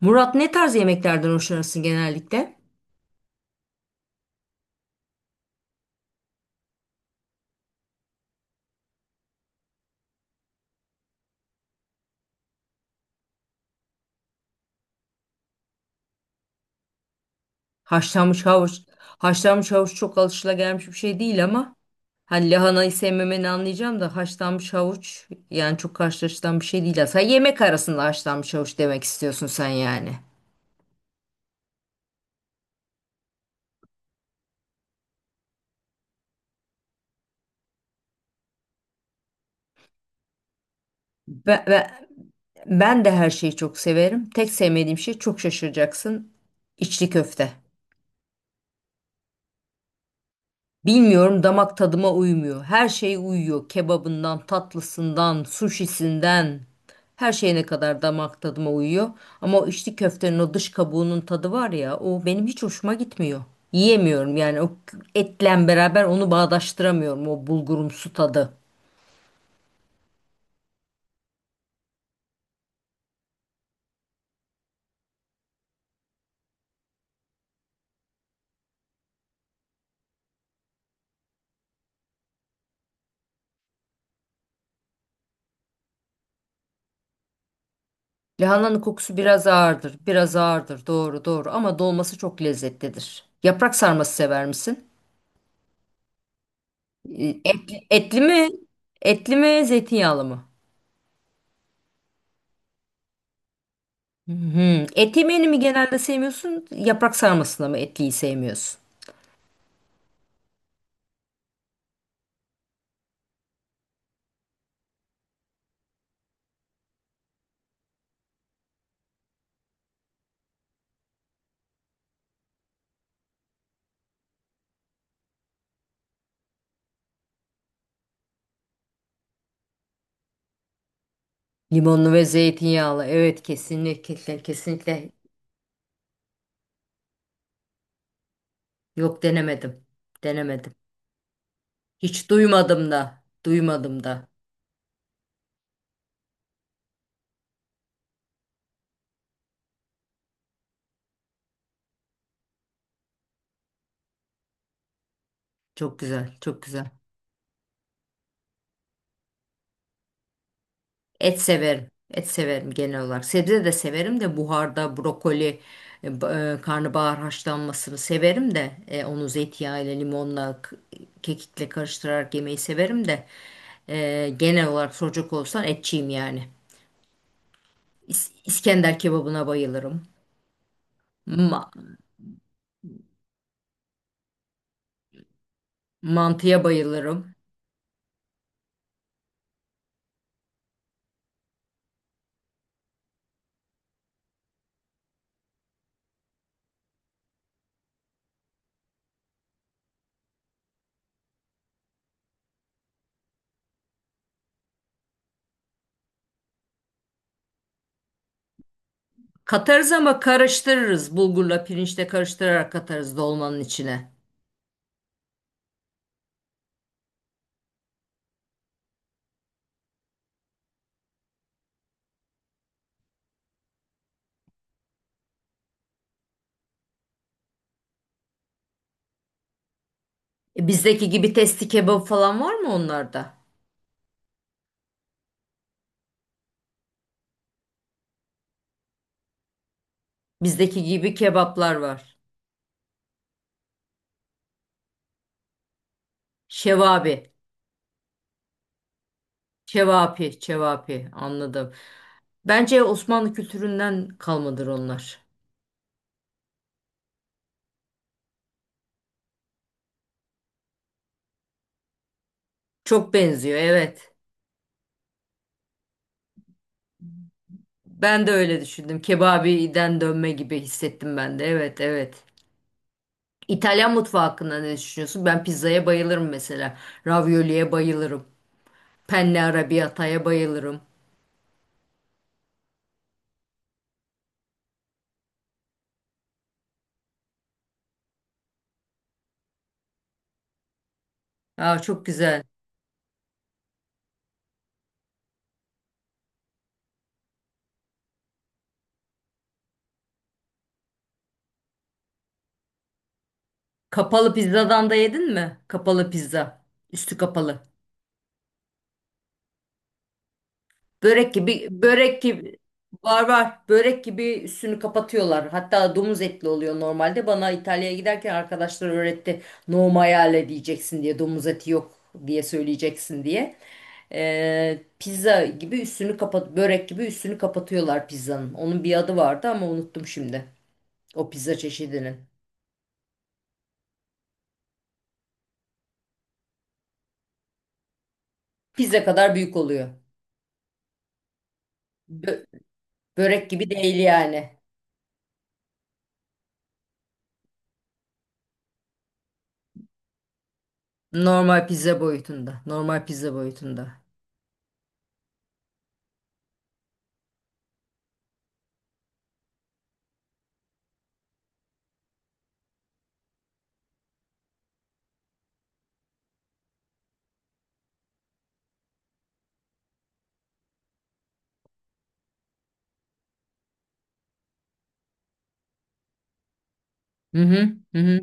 Murat ne tarz yemeklerden hoşlanırsın genellikle? Haşlanmış havuç. Haşlanmış havuç çok alışılagelmiş bir şey değil ama hani lahanayı sevmemeni anlayacağım da haşlanmış havuç yani çok karşılaşılan bir şey değil. Sen yemek arasında haşlanmış havuç demek istiyorsun sen yani. Ben, ben, Ben de her şeyi çok severim. Tek sevmediğim şey çok şaşıracaksın. İçli köfte. Bilmiyorum damak tadıma uymuyor. Her şey uyuyor. Kebabından, tatlısından, suşisinden, her şeyine kadar damak tadıma uyuyor. Ama o içli köftenin o dış kabuğunun tadı var ya, o benim hiç hoşuma gitmiyor. Yiyemiyorum yani o etle beraber onu bağdaştıramıyorum o bulgurumsu tadı. Lahananın kokusu biraz ağırdır, biraz ağırdır. Doğru, doğru ama dolması çok lezzetlidir. Yaprak sarması sever misin? Etli mi? Etli mi, zeytinyağlı mı? Hı hı. Et yemeğini mi genelde sevmiyorsun? Yaprak sarmasını mı etliyi sevmiyorsun? Limonlu ve zeytinyağlı. Evet, kesinlikle kesinlikle. Yok, denemedim. Denemedim. Hiç duymadım da. Duymadım da. Çok güzel. Çok güzel. Et severim. Et severim genel olarak. Sebze de severim de buharda brokoli, karnabahar haşlanmasını severim de onu zeytinyağıyla, limonla, kekikle karıştırarak yemeyi severim de genel olarak soracak olsan etçiyim yani. İskender kebabına bayılırım. Ma- Mantıya bayılırım. Katarız ama karıştırırız. Bulgurla pirinçle karıştırarak katarız dolmanın içine. Bizdeki gibi testi kebabı falan var mı onlarda? Bizdeki gibi kebaplar var. Şevabi, şevapi, şevapi, anladım. Bence Osmanlı kültüründen kalmadır onlar. Çok benziyor, evet. Ben de öyle düşündüm. Kebabiden dönme gibi hissettim ben de. Evet, evet. İtalyan mutfağı hakkında ne düşünüyorsun? Ben pizzaya bayılırım mesela. Ravioli'ye bayılırım. Penne arrabbiata'ya bayılırım. Aa, çok güzel. Kapalı pizzadan da yedin mi? Kapalı pizza. Üstü kapalı. Börek gibi, var var börek gibi üstünü kapatıyorlar. Hatta domuz etli oluyor normalde. Bana İtalya'ya giderken arkadaşlar öğretti. No maiale diyeceksin diye, domuz eti yok diye söyleyeceksin diye. Pizza gibi üstünü kapat, börek gibi üstünü kapatıyorlar pizzanın. Onun bir adı vardı ama unuttum şimdi. O pizza çeşidinin. Pizza kadar büyük oluyor. Bö- Börek gibi değil yani. Normal pizza boyutunda. Normal pizza boyutunda. Hı hı, hı hı.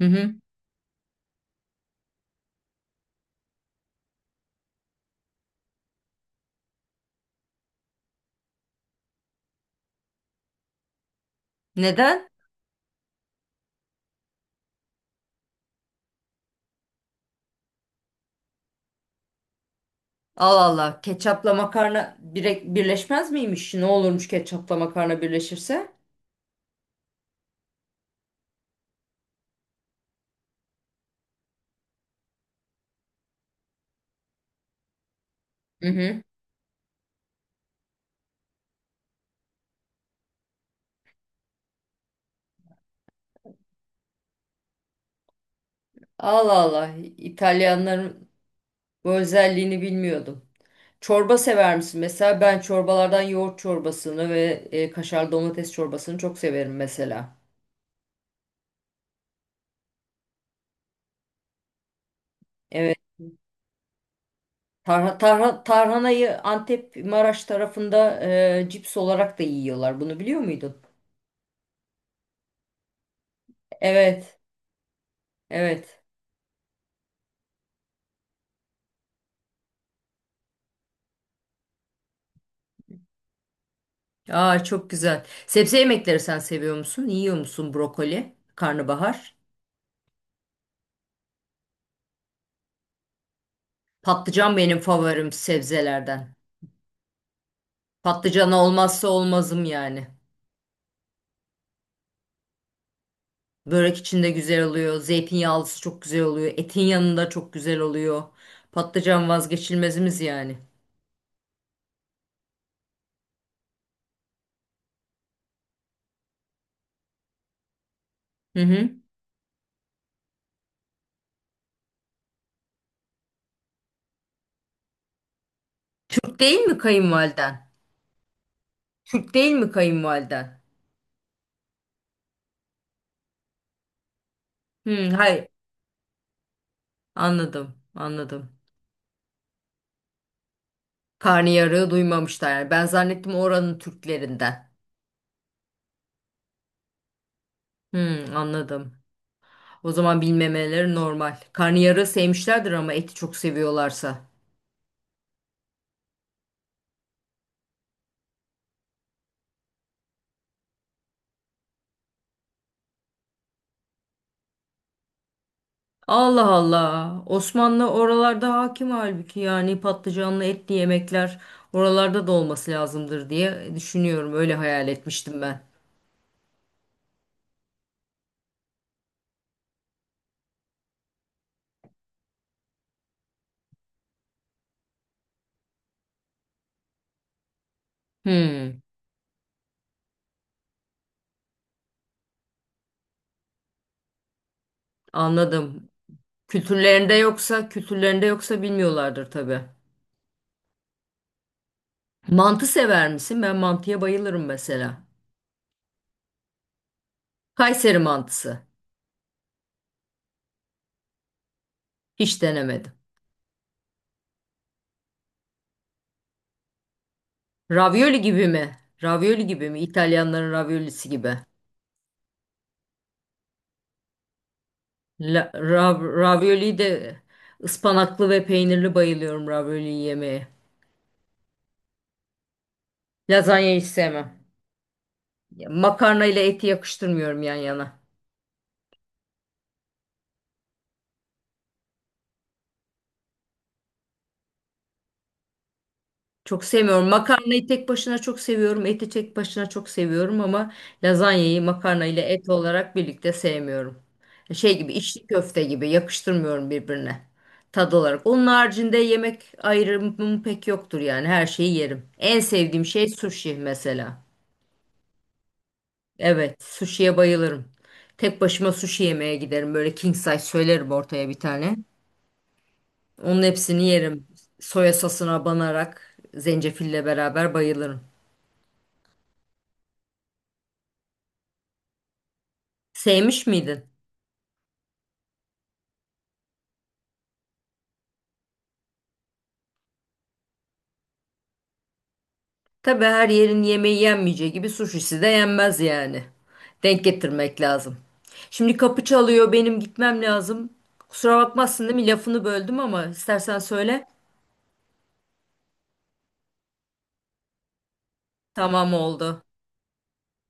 Hı hı. Neden? Allah Allah. Ketçapla makarna birleşmez miymiş? Ne olurmuş ketçapla makarna birleşirse? Hı hı. Allah Allah. İtalyanların bu özelliğini bilmiyordum. Çorba sever misin? Mesela ben çorbalardan yoğurt çorbasını ve kaşar domates çorbasını çok severim mesela. Evet. Tarhanayı Antep Maraş tarafında cips olarak da yiyorlar. Bunu biliyor muydun? Evet. Evet. Aa, çok güzel. Sebze yemekleri sen seviyor musun? Yiyor musun brokoli, karnabahar? Patlıcan benim favorim sebzelerden. Patlıcan olmazsa olmazım yani. Börek içinde güzel oluyor. Zeytinyağlısı çok güzel oluyor. Etin yanında çok güzel oluyor. Patlıcan vazgeçilmezimiz yani. Hı hı. Türk değil mi kayınvaliden? Türk değil mi kayınvaliden? Hı, hayır. Anladım, anladım. Karnıyarığı duymamışlar yani. Ben zannettim oranın Türklerinden. Hı, anladım. O zaman bilmemeleri normal. Karnıyarığı sevmişlerdir ama eti çok seviyorlarsa. Allah Allah. Osmanlı oralarda hakim halbuki, yani patlıcanlı etli yemekler oralarda da olması lazımdır diye düşünüyorum. Öyle hayal etmiştim ben. Hmm, anladım. Kültürlerinde yoksa, kültürlerinde yoksa bilmiyorlardır tabii. Mantı sever misin? Ben mantıya bayılırım mesela. Kayseri mantısı. Hiç denemedim. Ravioli gibi mi? Ravioli gibi mi? İtalyanların raviolisi gibi. Ravioli de ıspanaklı ve peynirli bayılıyorum ravioli yemeye. Lazanya hiç sevmem. Ya, makarna ile eti yakıştırmıyorum yan yana. Çok sevmiyorum. Makarnayı tek başına çok seviyorum. Eti tek başına çok seviyorum ama lazanyayı makarna ile et olarak birlikte sevmiyorum. Şey gibi, içli köfte gibi yakıştırmıyorum birbirine. Tad olarak. Onun haricinde yemek ayrımım pek yoktur yani. Her şeyi yerim. En sevdiğim şey sushi mesela. Evet, sushi'ye bayılırım. Tek başıma sushi yemeye giderim. Böyle king size söylerim ortaya bir tane. Onun hepsini yerim. Soya sosuna banarak zencefille beraber bayılırım. Sevmiş miydin? Tabii her yerin yemeği yenmeyeceği gibi sushisi de yenmez yani. Denk getirmek lazım. Şimdi kapı çalıyor, benim gitmem lazım. Kusura bakmazsın değil mi? Lafını böldüm ama istersen söyle. Tamam, oldu.